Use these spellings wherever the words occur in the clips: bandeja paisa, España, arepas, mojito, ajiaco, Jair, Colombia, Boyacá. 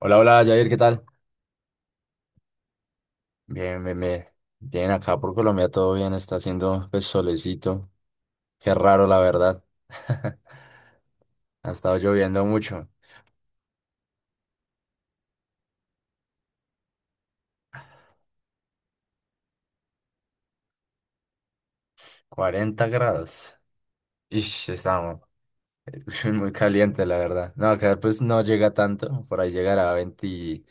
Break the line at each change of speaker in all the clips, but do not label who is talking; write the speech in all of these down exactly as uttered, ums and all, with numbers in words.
Hola, hola, Jair, ¿qué tal? Bien, bien, bien. Bien, acá por Colombia todo bien, está haciendo pues solecito. Qué raro, la verdad. Ha estado lloviendo mucho, cuarenta grados. Ish, estamos eh, muy caliente, la verdad. No, acá pues no llega tanto, por ahí llegará a veinte,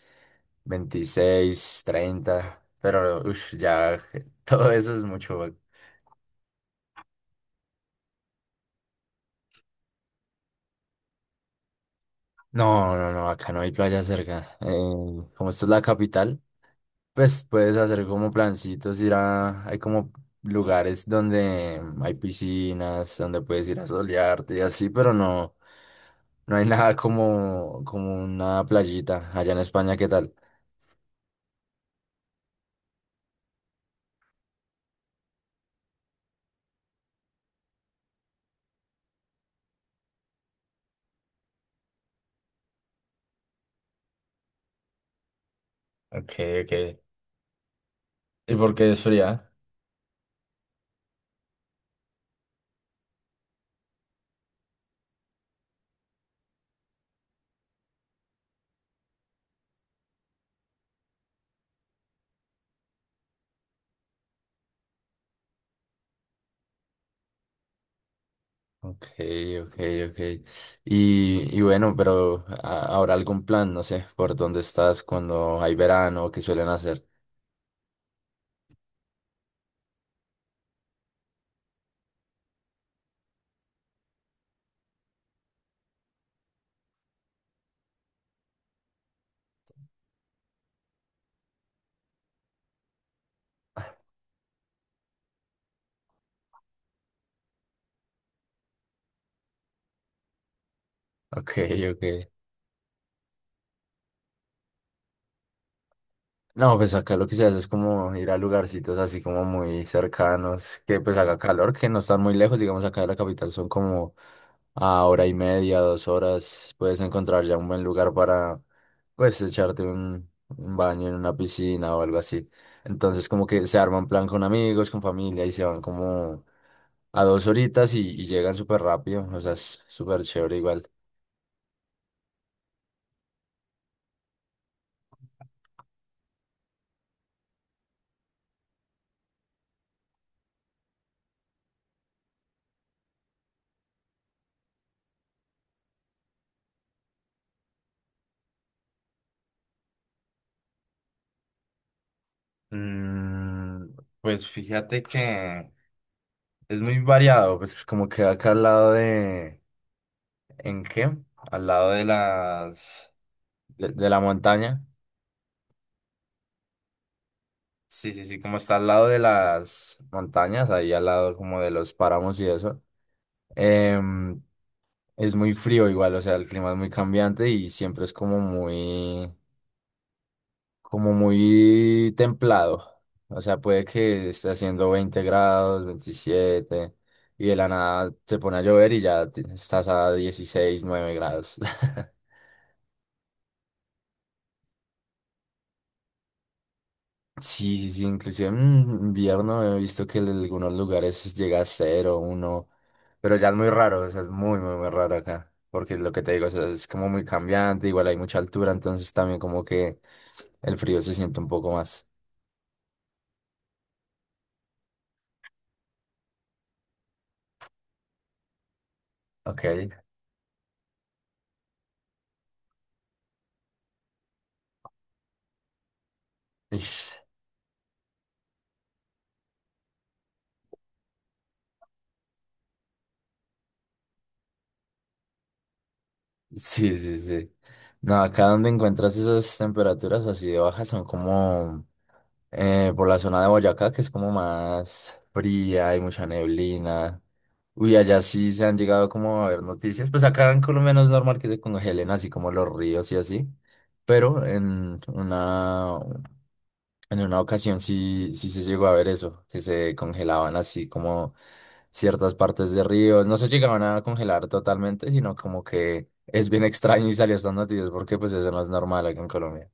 veintiséis, treinta, pero ush, ya todo eso es mucho. No, no, no, acá no hay playa cerca. Eh, como esto es la capital. Pues puedes hacer como plancitos, ir a, hay como lugares donde hay piscinas, donde puedes ir a solearte y así, pero no, no hay nada como, como una playita allá en España, ¿qué tal? Ok, ok. ¿Y por qué es fría? Ok, ok, ok. Y, y bueno, pero a- ¿habrá algún plan, no sé, por dónde estás cuando hay verano, qué suelen hacer? Ok, ok. No, pues acá lo que se hace es como ir a lugarcitos así como muy cercanos, que pues haga calor, que no están muy lejos, digamos acá de la capital son como a hora y media, dos horas, puedes encontrar ya un buen lugar para pues echarte un, un baño en una piscina o algo así. Entonces como que se arma un plan con amigos, con familia y se van como a dos horitas y, y llegan súper rápido, o sea, es súper chévere igual. Mm, pues fíjate que es muy variado, pues como que acá al lado de... ¿En qué? Al lado de las... De, de la montaña. Sí, sí, sí, como está al lado de las montañas, ahí al lado como de los páramos y eso. Em, es muy frío igual, o sea, el clima es muy cambiante y siempre es como muy... como muy templado. O sea, puede que esté haciendo veinte grados, veintisiete, y de la nada te pone a llover y ya te- estás a dieciséis nueve grados. Sí, sí, sí, inclusive en invierno he visto que en algunos lugares llega a cero, uno, pero ya es muy raro, o sea, es muy, muy, muy raro acá, porque lo que te digo, o sea, es como muy cambiante, igual hay mucha altura, entonces también como que el frío se siente un poco más. Ok. Ish. Sí, sí, sí. No, acá donde encuentras esas temperaturas así de bajas son como eh, por la zona de Boyacá, que es como más fría, hay mucha neblina. Uy, allá sí se han llegado como a ver noticias. Pues acá en Colombia no es normal que se congelen así como los ríos y así. Pero en una, en una ocasión sí, sí se llegó a ver eso, que se congelaban así como ciertas partes de ríos. No se llegaban a congelar totalmente, sino como que es bien extraño y salió estas noticias porque pues eso no es normal acá en Colombia.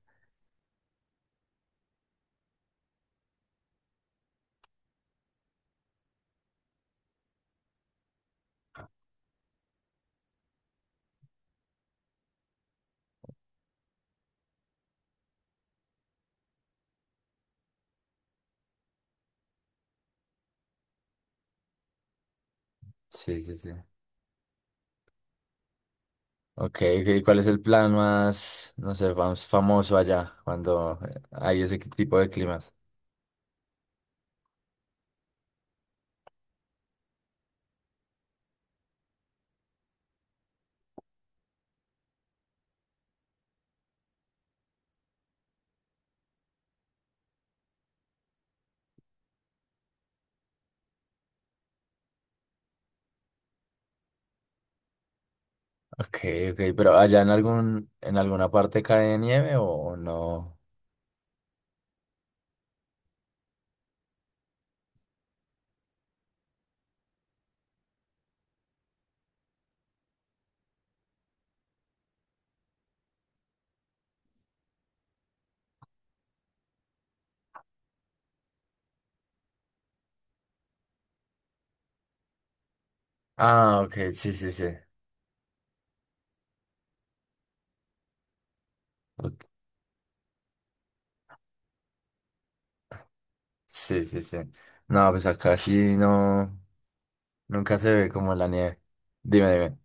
Sí, sí, sí. Ok, ok, ¿cuál es el plan más, no sé, más famoso allá cuando eh, hay ese tipo de climas? Ok, ok, ¿pero allá en algún, en alguna parte cae nieve o no? Ah, ok, sí, sí, sí. Ok, sí, sí, sí. No, pues acá sí no, nunca se ve como la nieve. Dime, dime.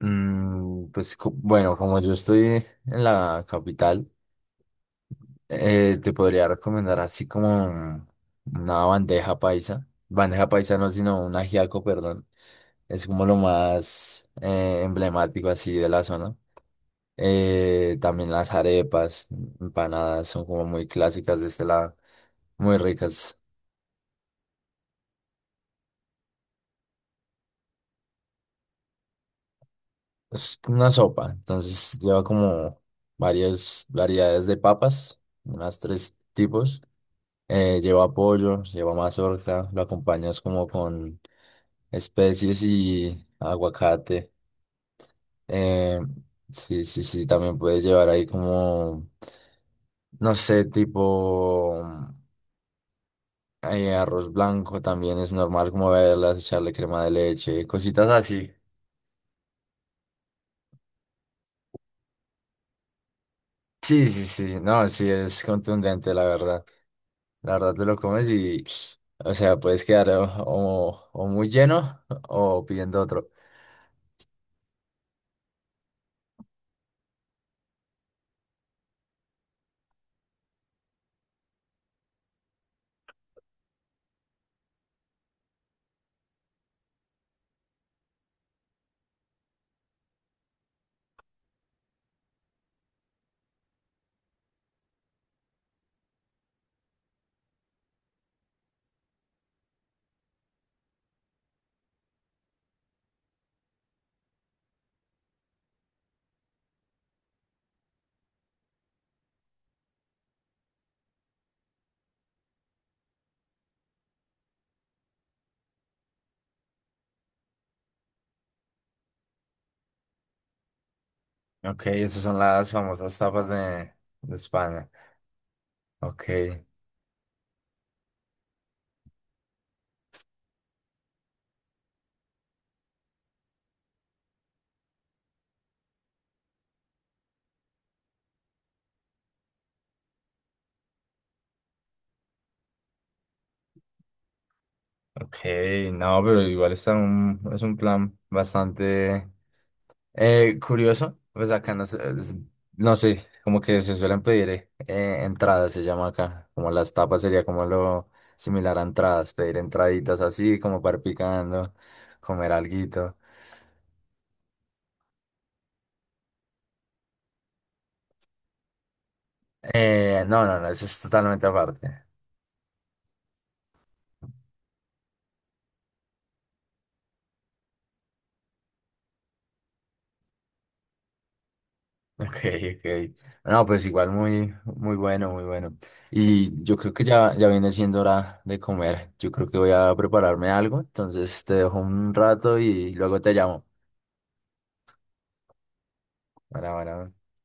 Mm, pues co- bueno, como yo estoy en la capital. Eh, te podría recomendar así como una bandeja paisa. Bandeja paisa no, sino un ajiaco, perdón. Es como lo más eh, emblemático así de la zona. Eh, también las arepas, empanadas, son como muy clásicas de este lado, muy ricas. Es una sopa, entonces lleva como varias variedades de papas, unas tres tipos. Eh, lleva pollo, lleva mazorca, lo acompañas como con especies y aguacate. Eh, sí, sí, sí, también puedes llevar ahí como, no sé, tipo eh, arroz blanco también es normal como verlas, echarle crema de leche, cositas así. Sí, sí, sí, no, sí, es contundente, la verdad. La verdad, te lo comes y, o sea, puedes quedar o, o- o muy lleno o pidiendo otro. Ok, esas son las famosas tapas de, de España. Ok. Ok, no, pero igual está un, es un plan bastante eh, curioso. Pues acá no sé, es- no sé, como que se suelen pedir eh, eh, entradas, se llama acá. Como las tapas sería como lo similar a entradas, pedir entraditas así, como para ir picando, comer alguito. Eh, no, no, no, eso es totalmente aparte. Ok, ok. No, pues igual muy, muy bueno, muy bueno. Y yo creo que ya, ya viene siendo hora de comer. Yo creo que voy a prepararme algo, entonces te dejo un rato y luego te llamo. Bueno, bueno.